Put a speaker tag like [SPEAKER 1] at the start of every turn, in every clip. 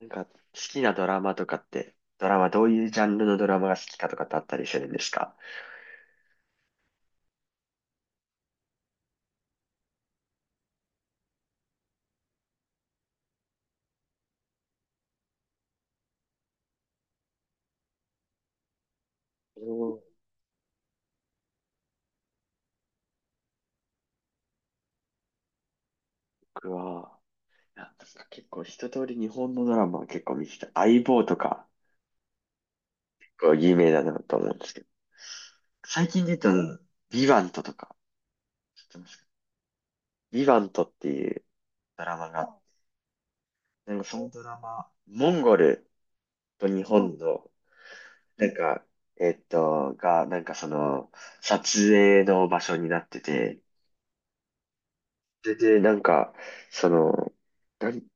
[SPEAKER 1] なんか、好きなドラマとかって、ドラマ、どういうジャンルのドラマが好きかとかってあったりするんですか？僕は、なんか結構一通り日本のドラマは結構見てて、相棒とか、結構有名だなと思うんですけど、最近で言うと、ビバントとか、知ってますか？ビバントっていうドラマが、なんかそのドラマ、モンゴルと日本の、なんか、えっと、が、なんかその、撮影の場所になってて、それで、なんか、その、何、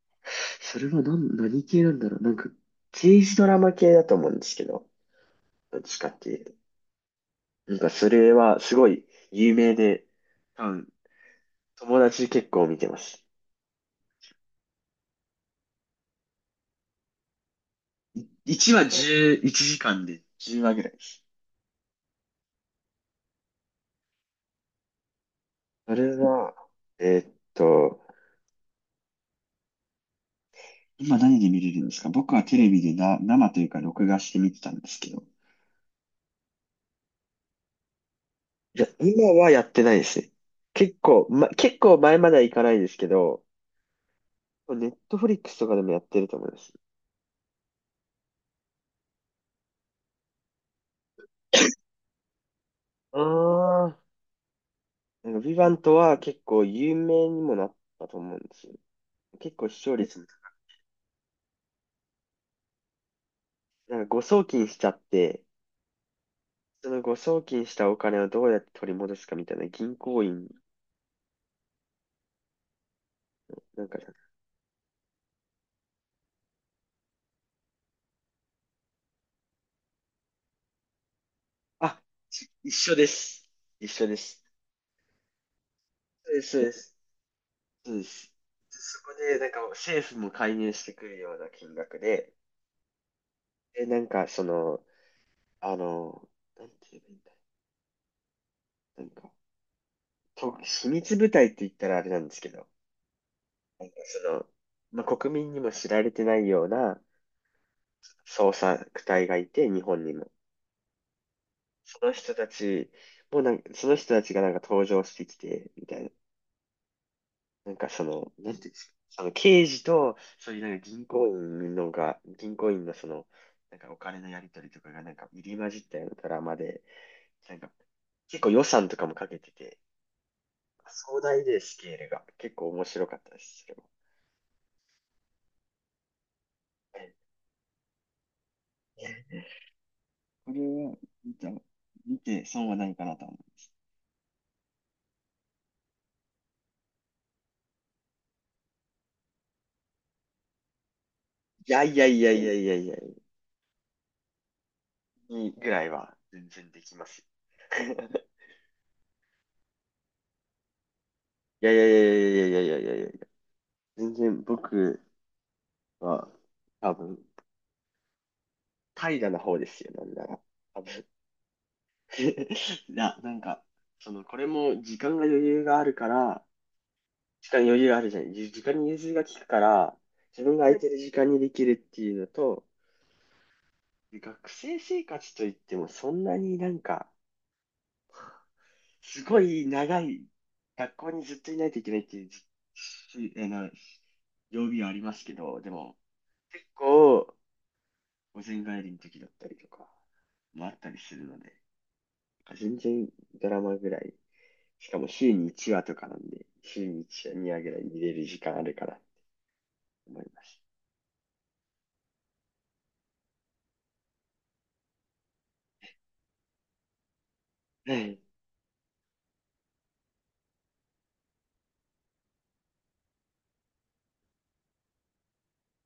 [SPEAKER 1] それは何系なんだろう。なんか、刑事ドラマ系だと思うんですけど、どっちかっていうと。なんか、それはすごい有名で、多分、友達結構見てます。1話11時間で10話ぐらいです。それは、えーっと、今何で見れるんですか？僕はテレビで生というか録画して見てたんですけど。いや、今はやってないですね。結構前まではいかないですけど、ネットフリックスとかでもやってると思います。ああ、なんか、ヴィヴァントは結構有名にもなったと思うんですよ。結構視聴率も、なんか誤送金しちゃって、その誤送金したお金をどうやって取り戻すかみたいな銀行員、なんか、あ、一緒です。一緒です。そうです、そうです。そうです。で、そこで、なんか政府も介入してくるような金額で、で、なんかその、あの、なんて言えばいいんだ。なんか、秘密部隊って言ったらあれなんですけど、その、国民にも知られてないような捜索隊がいて、日本にも。その人たちもなんか、その人たちがなんか登場してきて、みたいな。なんかその、なんていうんですか。その刑事と、そういうなんか銀行員のなんかお金のやり取りとかがなんか入り混じったようなドラマで、なんか結構予算とかもかけてて、壮大でスケールが結構面白かったですけど。それこれは、見て損はないかなと思う。いやいやいやいやいやいやい、いぐらいは全然できますよ。いやいやいやいやいやいやいやいや、全然僕は多分、怠惰な方ですよ、なんなら。多分。いや、なんか、これも時間が余裕があるから、時間に余裕があるじゃない。時間に融通が利くから、自分が空いてる時間にできるっていうのと、学生生活といってもそんなになんか、すごい長い、学校にずっといないといけないっていうじ、しあの、曜日はありますけど、でも、結構、午前帰りの時だったりとか、もあったりするので、全然ドラマぐらい、しかも週に1話とかなんで、週に1話、2話ぐらい見れる時間あるから思います。はい。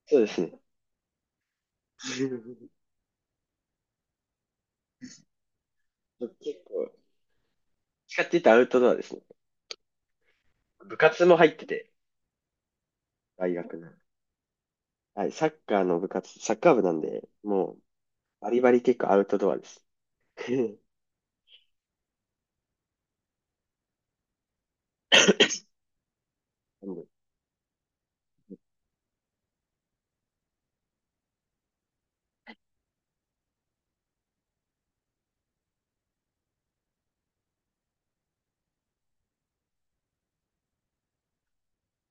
[SPEAKER 1] そうですね。結構、使ってたアウトドアですね。部活も入ってて、大学の。はい、サッカー部なんで、もうバリバリ結構アウトドアです。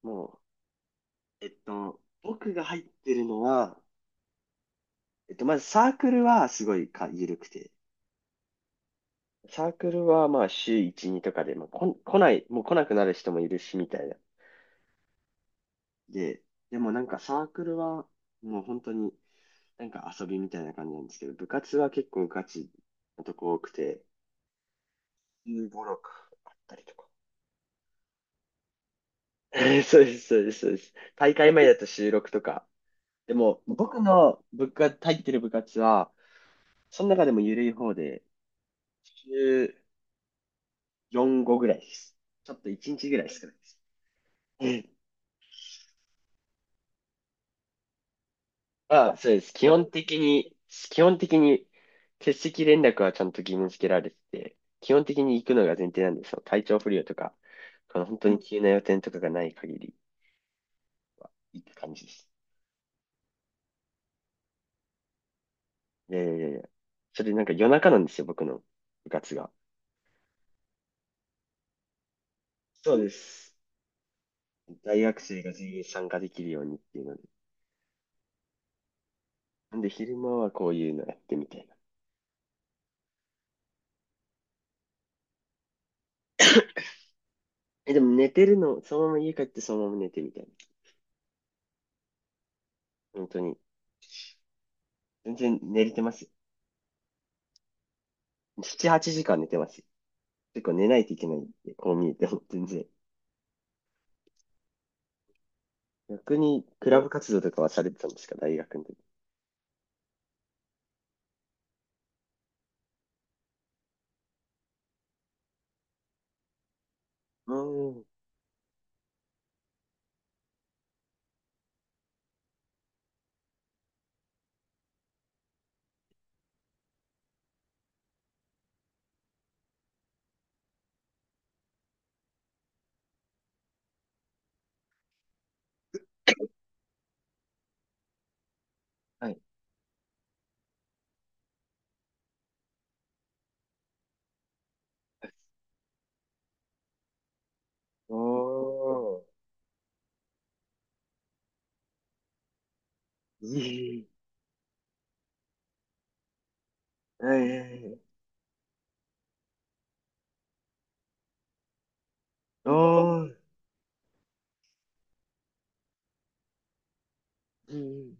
[SPEAKER 1] もう、僕が入ってるのは、まずサークルはすごい緩くて、サークルはまあ週1、2とかで、まあ、こん、来ない、もう来なくなる人もいるし、みたいな。で、でもなんかサークルはもう本当になんか遊びみたいな感じなんですけど、部活は結構ガチなとこ多くて、1 6あったりとか。そうです、そうです、そうです。大会前だと収録とか、でも、僕の部活、入ってる部活は、その中でも緩い方で、週4、5ぐらいです。ちょっと1日ぐらい少ないです。うん。まあ、そうです。基本的に、欠席連絡はちゃんと義務付けられてて、基本的に行くのが前提なんですよ。体調不良とか、この本当に急な予定とかがない限りは行く感じです。いやいやいやいや。それなんか夜中なんですよ、僕の部活が。そうです。大学生が全員参加できるようにっていうので、昼間はこういうのやってみたいな。え、でも寝てるの、そのまま家帰ってそのまま寝てみたいな。本当に。全然寝れてますよ。7、8時間寝てますよ。結構寝ないといけないんで、こう見えても全然。逆に、クラブ活動とかはされてたんですか？大学の時。うーん。はい。おー。いい。はいはいはい。おー。いい。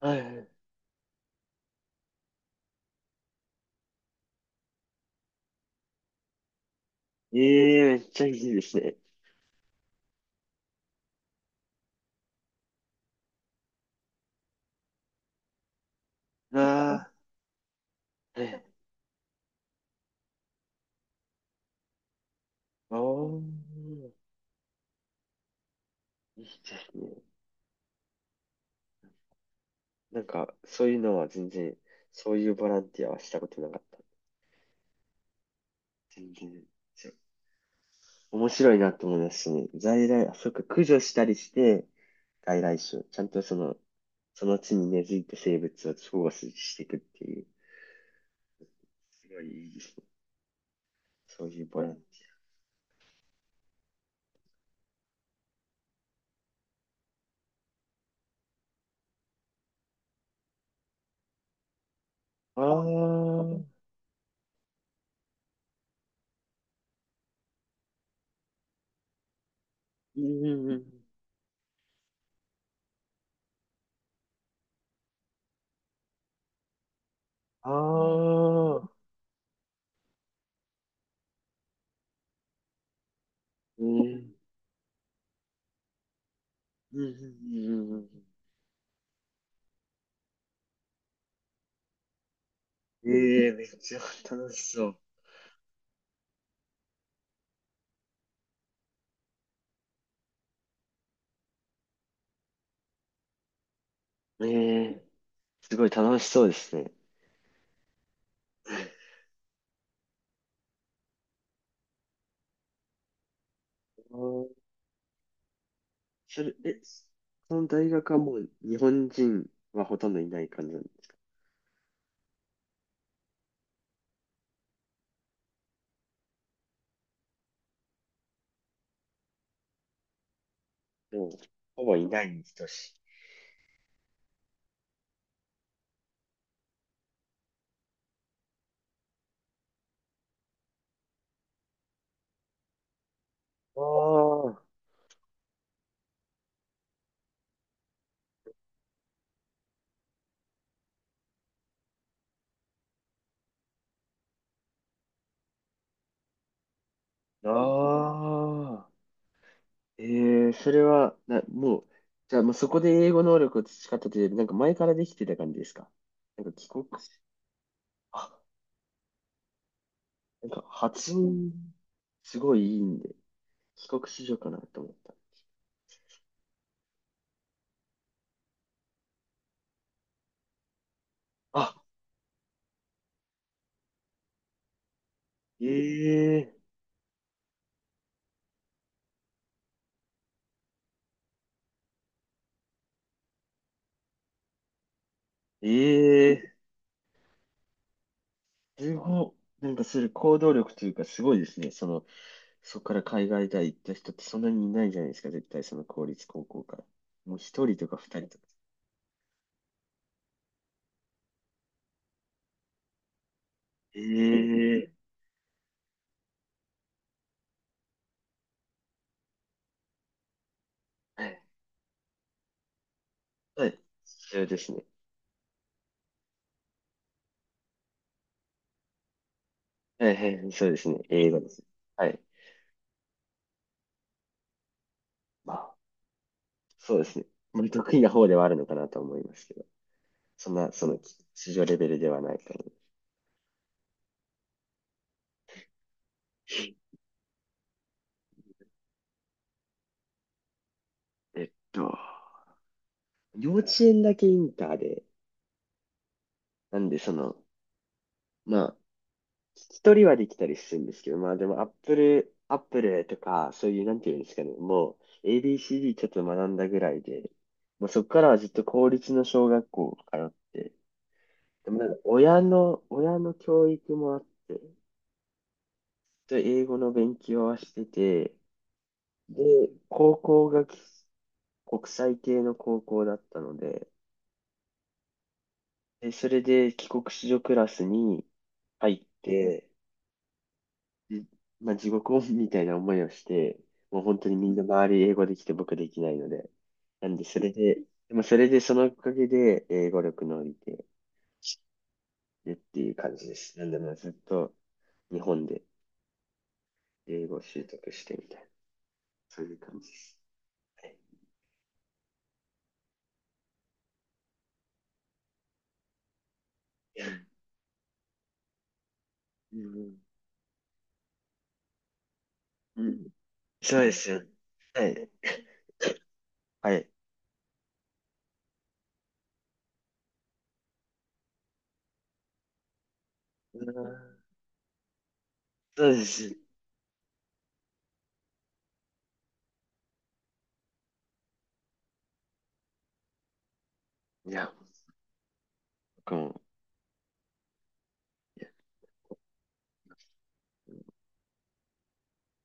[SPEAKER 1] はいはい。ええ、めっちゃいいですね。あー、はい。おー。いいですね。なんか、そういうのは全然、そういうボランティアはしたことなかった。全然。そう、面白いなと思いますしね。在来、あ、そっか、駆除したりして、外来種、ちゃんとその地に根付いた生物を保護していくっていう、すごいいいですね。そういうボランティア。ああ、うんうんうん。ああ、うん、うんうんうんうん。ええ、めっちゃ楽しそう。ええ、すごい楽しそうですね。それ、その大学はもう日本人はほとんどいない感じなんです。もう、ほぼいないに等しい。ああ、ああ、ええー、それは、もう、じゃあもうそこで英語能力を培ったというより、なんか前からできてた感じですか？なんか帰国し、あ、なんか発音、すごいいいんで、帰国子女かなと思った。あ、ええええ、すご、なんかする行動力というかすごいですね。その、そこから海外大行った人ってそんなにいないじゃないですか、絶対その公立高校から。もう一人とか二人とか。ええ。はい。はい。そうですね。はいはいはい、そうですね。英語ですね。はい。まあ、そうですね。まあ、得意な方ではあるのかなと思いますけど、そんな、その、市場レベルではないと思う。えっと、幼稚園だけインターで、なんでま聞き取りはできたりするんですけど、まあでも Apple とか、そういう、なんていうんですかね、もう ABCD ちょっと学んだぐらいで、もうそこからはずっと公立の小学校通って、でもなんか親の教育もあって、ずっと英語の勉強はしてて、で、高校が国際系の高校だったので、で、それで帰国子女クラスに入って、で、まあ、地獄をみたいな思いをして、もう本当にみんな周り英語できて僕できないので。なんで、それで、でもそれでそのおかげで英語力伸びて、でっていう感じです。なんで、まあずっと日本で英語を習得してみたいな、そういう感じです。はい。うんうんうん。そうですよ。はい。はい。うん。そうです。いや、僕も。いや。